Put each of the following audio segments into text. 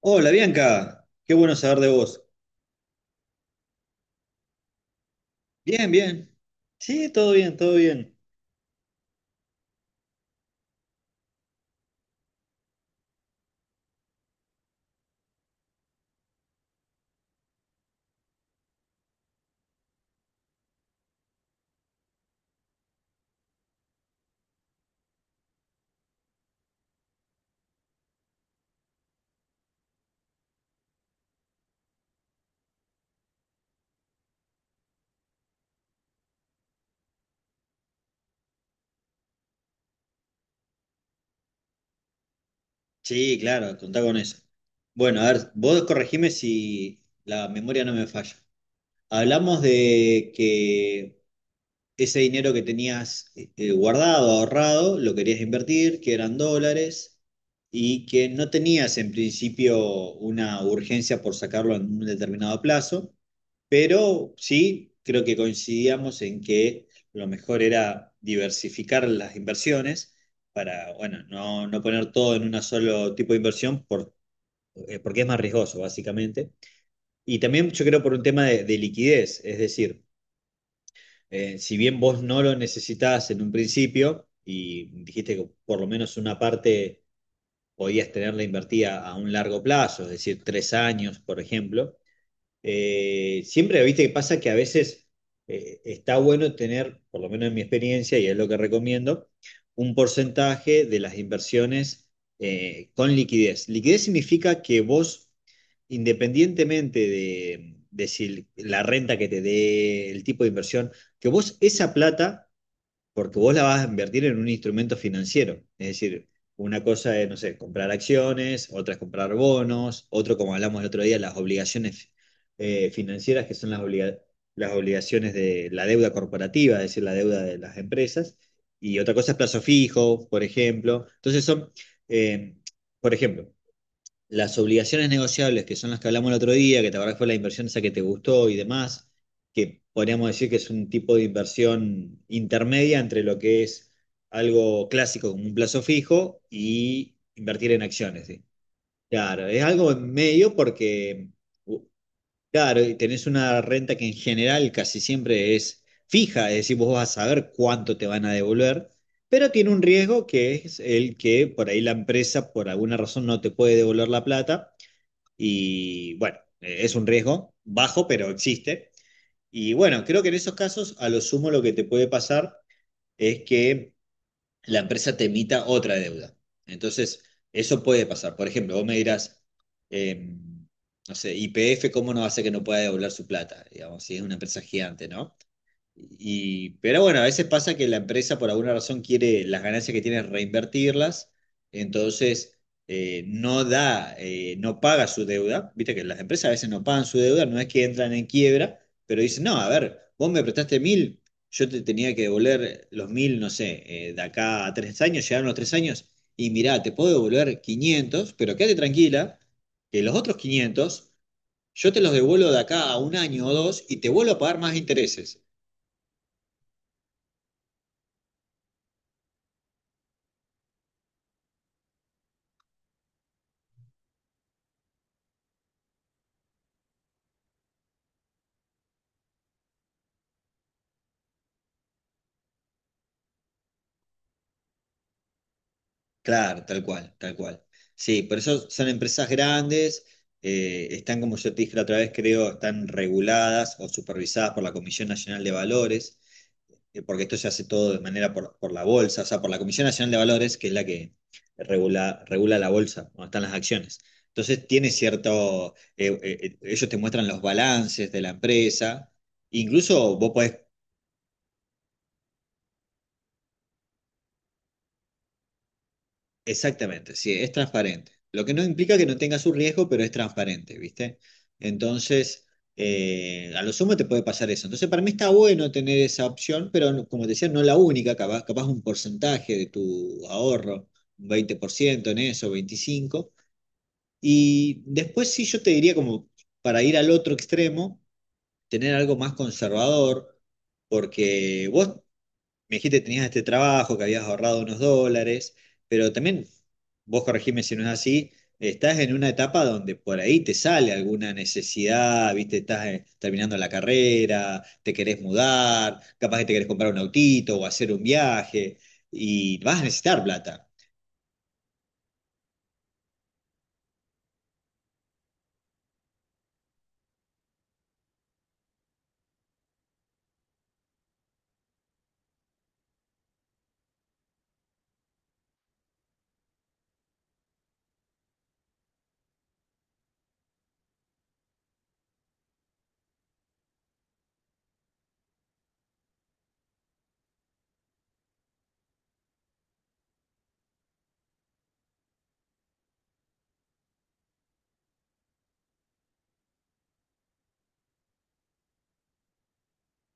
Hola Bianca, qué bueno saber de vos. Bien, bien. Sí, todo bien, todo bien. Sí, claro, contá con eso. Bueno, a ver, vos corregime si la memoria no me falla. Hablamos de que ese dinero que tenías guardado, ahorrado, lo querías invertir, que eran dólares, y que no tenías en principio una urgencia por sacarlo en un determinado plazo. Pero sí, creo que coincidíamos en que lo mejor era diversificar las inversiones para, bueno, no poner todo en un solo tipo de inversión porque es más riesgoso, básicamente. Y también yo creo por un tema de liquidez, es decir, si bien vos no lo necesitabas en un principio y dijiste que por lo menos una parte podías tenerla invertida a un largo plazo, es decir, 3 años, por ejemplo. Siempre, viste, que pasa que a veces está bueno tener, por lo menos en mi experiencia, y es lo que recomiendo, un porcentaje de las inversiones con liquidez. Liquidez significa que vos, independientemente de si la renta que te dé, el tipo de inversión, que vos esa plata porque vos la vas a invertir en un instrumento financiero. Es decir, una cosa es, no sé, comprar acciones, otra es comprar bonos, otro, como hablamos el otro día, las obligaciones financieras, que son las, las obligaciones de la deuda corporativa, es decir, la deuda de las empresas, y otra cosa es plazo fijo, por ejemplo. Entonces son, eh, por ejemplo, las obligaciones negociables, que son las que hablamos el otro día, que te acordás que fue la inversión esa que te gustó y demás, que podríamos decir que es un tipo de inversión intermedia entre lo que es algo clásico como un plazo fijo y invertir en acciones, ¿sí? Claro, es algo en medio porque, u- claro, y tenés una renta que en general casi siempre es fija, es decir, vos vas a saber cuánto te van a devolver, pero tiene un riesgo que es el que por ahí la empresa por alguna razón no te puede devolver la plata. Y bueno, es un riesgo bajo, pero existe. Y bueno, creo que en esos casos, a lo sumo, lo que te puede pasar es que la empresa te emita otra deuda. Entonces, eso puede pasar. Por ejemplo, vos me dirás, eh, no sé, YPF, ¿cómo no hace que no pueda devolver su plata? Digamos, si es una empresa gigante, ¿no? Y, pero bueno, a veces pasa que la empresa por alguna razón quiere las ganancias que tiene reinvertirlas, entonces no da, no paga su deuda. Viste que las empresas a veces no pagan su deuda, no es que entran en quiebra, pero dicen, no, a ver, vos me prestaste mil, yo te tenía que devolver los mil, no sé, de acá a 3 años, llegaron los 3 años, y mirá, te puedo devolver 500 pero quédate tranquila, que los otros 500 yo te los devuelvo de acá a un año o dos y te vuelvo a pagar más intereses. Claro, tal cual, tal cual. Sí, por eso son empresas grandes, están, como yo te dije la otra vez, creo, están reguladas o supervisadas por la Comisión Nacional de Valores, porque esto se hace todo de manera por la bolsa, o sea, por la Comisión Nacional de Valores, que es la que regula la bolsa, donde están las acciones. Entonces, tiene cierto, ellos te muestran los balances de la empresa, incluso vos podés. Exactamente, sí, es transparente. Lo que no implica que no tenga su riesgo, pero es transparente, ¿viste? Entonces, a lo sumo te puede pasar eso. Entonces, para mí está bueno tener esa opción, pero no, como te decía, no la única, capaz, capaz un porcentaje de tu ahorro, un 20% en eso, 25%. Y después sí yo te diría como para ir al otro extremo, tener algo más conservador, porque vos me dijiste que tenías este trabajo, que habías ahorrado unos dólares, pero también, vos corregime si no es así, estás en una etapa donde por ahí te sale alguna necesidad, viste, estás terminando la carrera, te querés mudar, capaz que te querés comprar un autito o hacer un viaje, y vas a necesitar plata.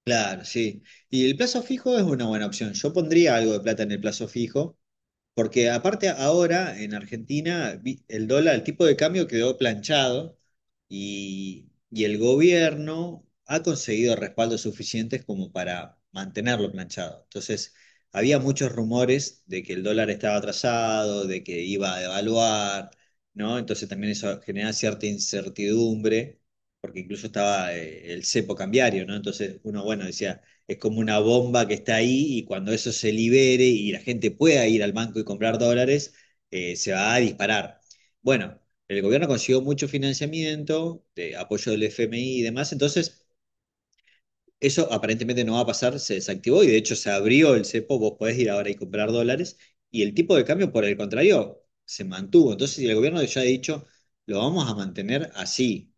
Claro, sí. Y el plazo fijo es una buena opción. Yo pondría algo de plata en el plazo fijo porque aparte ahora en Argentina el dólar, el tipo de cambio quedó planchado y el gobierno ha conseguido respaldos suficientes como para mantenerlo planchado. Entonces, había muchos rumores de que el dólar estaba atrasado, de que iba a devaluar, ¿no? Entonces también eso genera cierta incertidumbre, porque incluso estaba el cepo cambiario, ¿no? Entonces uno, bueno, decía, es como una bomba que está ahí y cuando eso se libere y la gente pueda ir al banco y comprar dólares, se va a disparar. Bueno, el gobierno consiguió mucho financiamiento, de apoyo del FMI y demás, entonces eso aparentemente no va a pasar, se desactivó y de hecho se abrió el cepo, vos podés ir ahora y comprar dólares, y el tipo de cambio, por el contrario, se mantuvo. Entonces si el gobierno ya ha dicho, lo vamos a mantener así,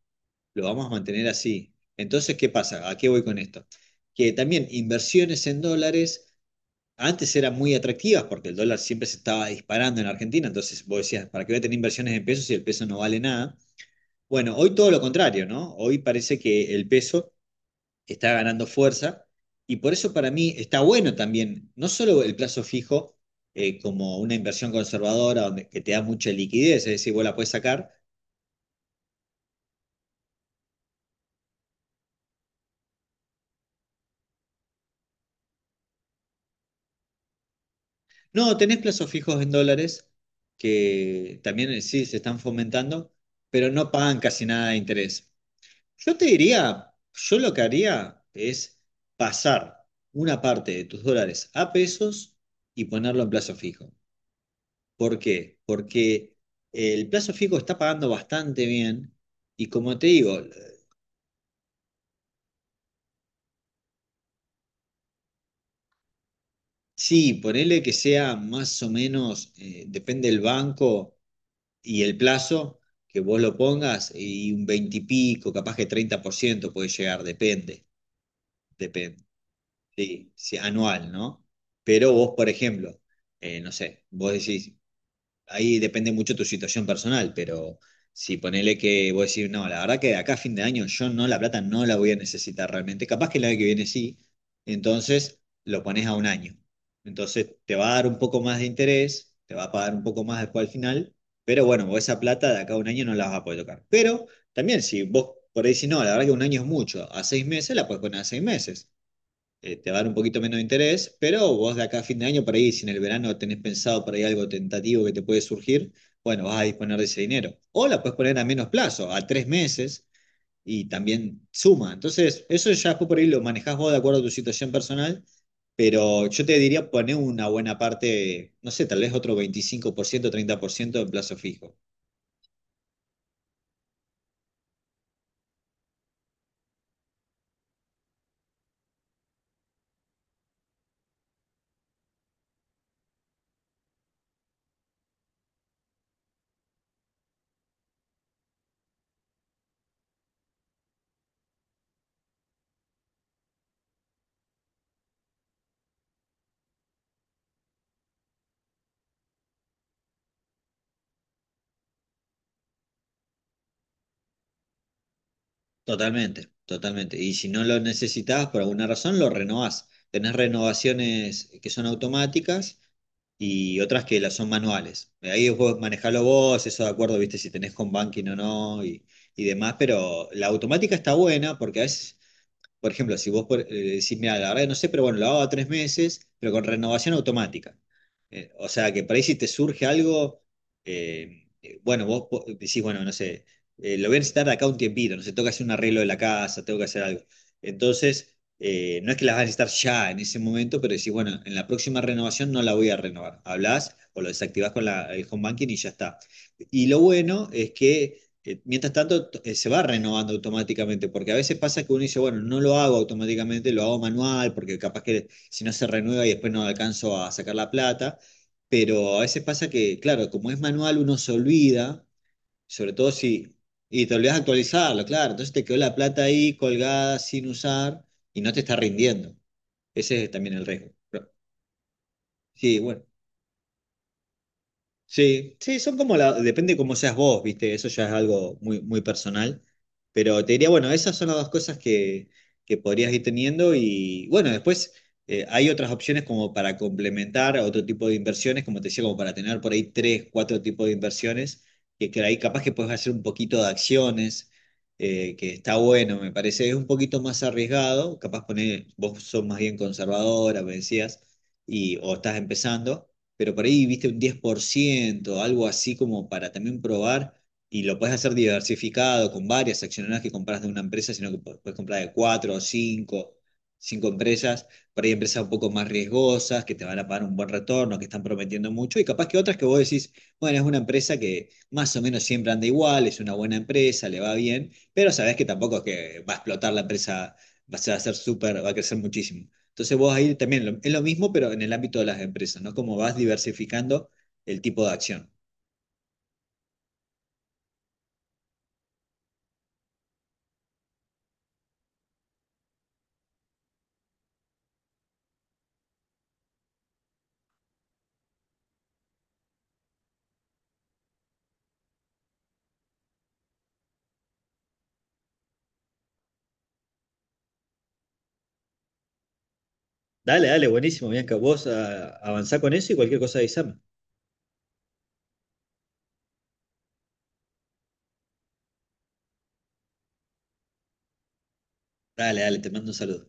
lo vamos a mantener así. Entonces, ¿qué pasa? ¿A qué voy con esto? Que también inversiones en dólares antes eran muy atractivas porque el dólar siempre se estaba disparando en Argentina, entonces vos decías, ¿para qué voy a tener inversiones en pesos si el peso no vale nada? Bueno, hoy todo lo contrario, ¿no? Hoy parece que el peso está ganando fuerza y por eso para mí está bueno también, no solo el plazo fijo como una inversión conservadora donde, que te da mucha liquidez, es decir, vos la puedes sacar. No, tenés plazos fijos en dólares que también sí se están fomentando, pero no pagan casi nada de interés. Yo te diría, yo lo que haría es pasar una parte de tus dólares a pesos y ponerlo en plazo fijo. ¿Por qué? Porque el plazo fijo está pagando bastante bien y como te digo, sí, ponele que sea más o menos, depende del banco y el plazo que vos lo pongas y un 20 y pico, capaz que 30% puede llegar, depende, depende, sí, sí, anual, ¿no? Pero vos, por ejemplo, no sé, vos decís, ahí depende mucho tu situación personal, pero si ponele que vos decís, no, la verdad que de acá a fin de año yo no, la plata no la voy a necesitar realmente, capaz que el año que viene sí, entonces lo pones a un año. Entonces te va a dar un poco más de interés, te va a pagar un poco más después al final, pero bueno, vos esa plata de acá a un año no la vas a poder tocar. Pero también si vos por ahí decís, no, la verdad que un año es mucho, a 6 meses la puedes poner, a 6 meses te va a dar un poquito menos de interés, pero vos de acá a fin de año, por ahí, si en el verano tenés pensado por ahí algo tentativo que te puede surgir, bueno, vas a disponer de ese dinero. O la puedes poner a menos plazo, a 3 meses, y también suma. Entonces, eso ya después por ahí lo manejás vos de acuerdo a tu situación personal, pero yo te diría poner una buena parte, no sé, tal vez otro 25%, 30% en plazo fijo. Totalmente, totalmente. Y si no lo necesitabas por alguna razón, lo renovás. Tenés renovaciones que son automáticas y otras que las son manuales. Ahí vos manejalo vos, eso de acuerdo, viste, si tenés home banking o no y, y demás, pero la automática está buena porque a veces por ejemplo, si vos decís, mira, la verdad que no sé, pero bueno, lo hago a 3 meses, pero con renovación automática. O sea, que por ahí si te surge algo, bueno, vos decís, bueno, no sé, lo voy a necesitar de acá un tiempito, no sé, tengo que hacer un arreglo de la casa, tengo que hacer algo. Entonces, no es que las vas a necesitar ya en ese momento, pero decís, bueno, en la próxima renovación no la voy a renovar. Hablás o lo desactivás con el home banking y ya está. Y lo bueno es que mientras tanto se va renovando automáticamente, porque a veces pasa que uno dice, bueno, no lo hago automáticamente, lo hago manual, porque capaz que si no se renueva y después no alcanzo a sacar la plata, pero a veces pasa que, claro, como es manual uno se olvida, sobre todo si, y te olvidas de actualizarlo, claro, entonces te quedó la plata ahí colgada sin usar y no te está rindiendo. Ese es también el riesgo. Pero, sí, bueno. Sí, sí, son como la, depende cómo seas vos, viste, eso ya es algo muy personal, pero te diría, bueno, esas son las dos cosas que podrías ir teniendo y bueno, después hay otras opciones como para complementar a otro tipo de inversiones, como te decía, como para tener por ahí tres, cuatro tipos de inversiones, que ahí capaz que puedes hacer un poquito de acciones, que está bueno, me parece, es un poquito más arriesgado, capaz poner, vos sos más bien conservadora, me decías, y, o estás empezando pero por ahí viste un 10% algo así como para también probar. Y lo puedes hacer diversificado con varias acciones, no es que compras de una empresa, sino que puedes comprar de cuatro o cinco, cinco empresas. Por ahí empresas un poco más riesgosas, que te van a pagar un buen retorno, que están prometiendo mucho. Y capaz que otras que vos decís, bueno, es una empresa que más o menos siempre anda igual, es una buena empresa, le va bien, pero sabés que tampoco es que va a explotar la empresa, va a ser súper, va a crecer muchísimo. Entonces vos ahí también es lo mismo, pero en el ámbito de las empresas, ¿no? Como vas diversificando el tipo de acción. Dale, dale, buenísimo, Bianca. Vos avanzá con eso y cualquier cosa avísame. Dale, dale, te mando un saludo.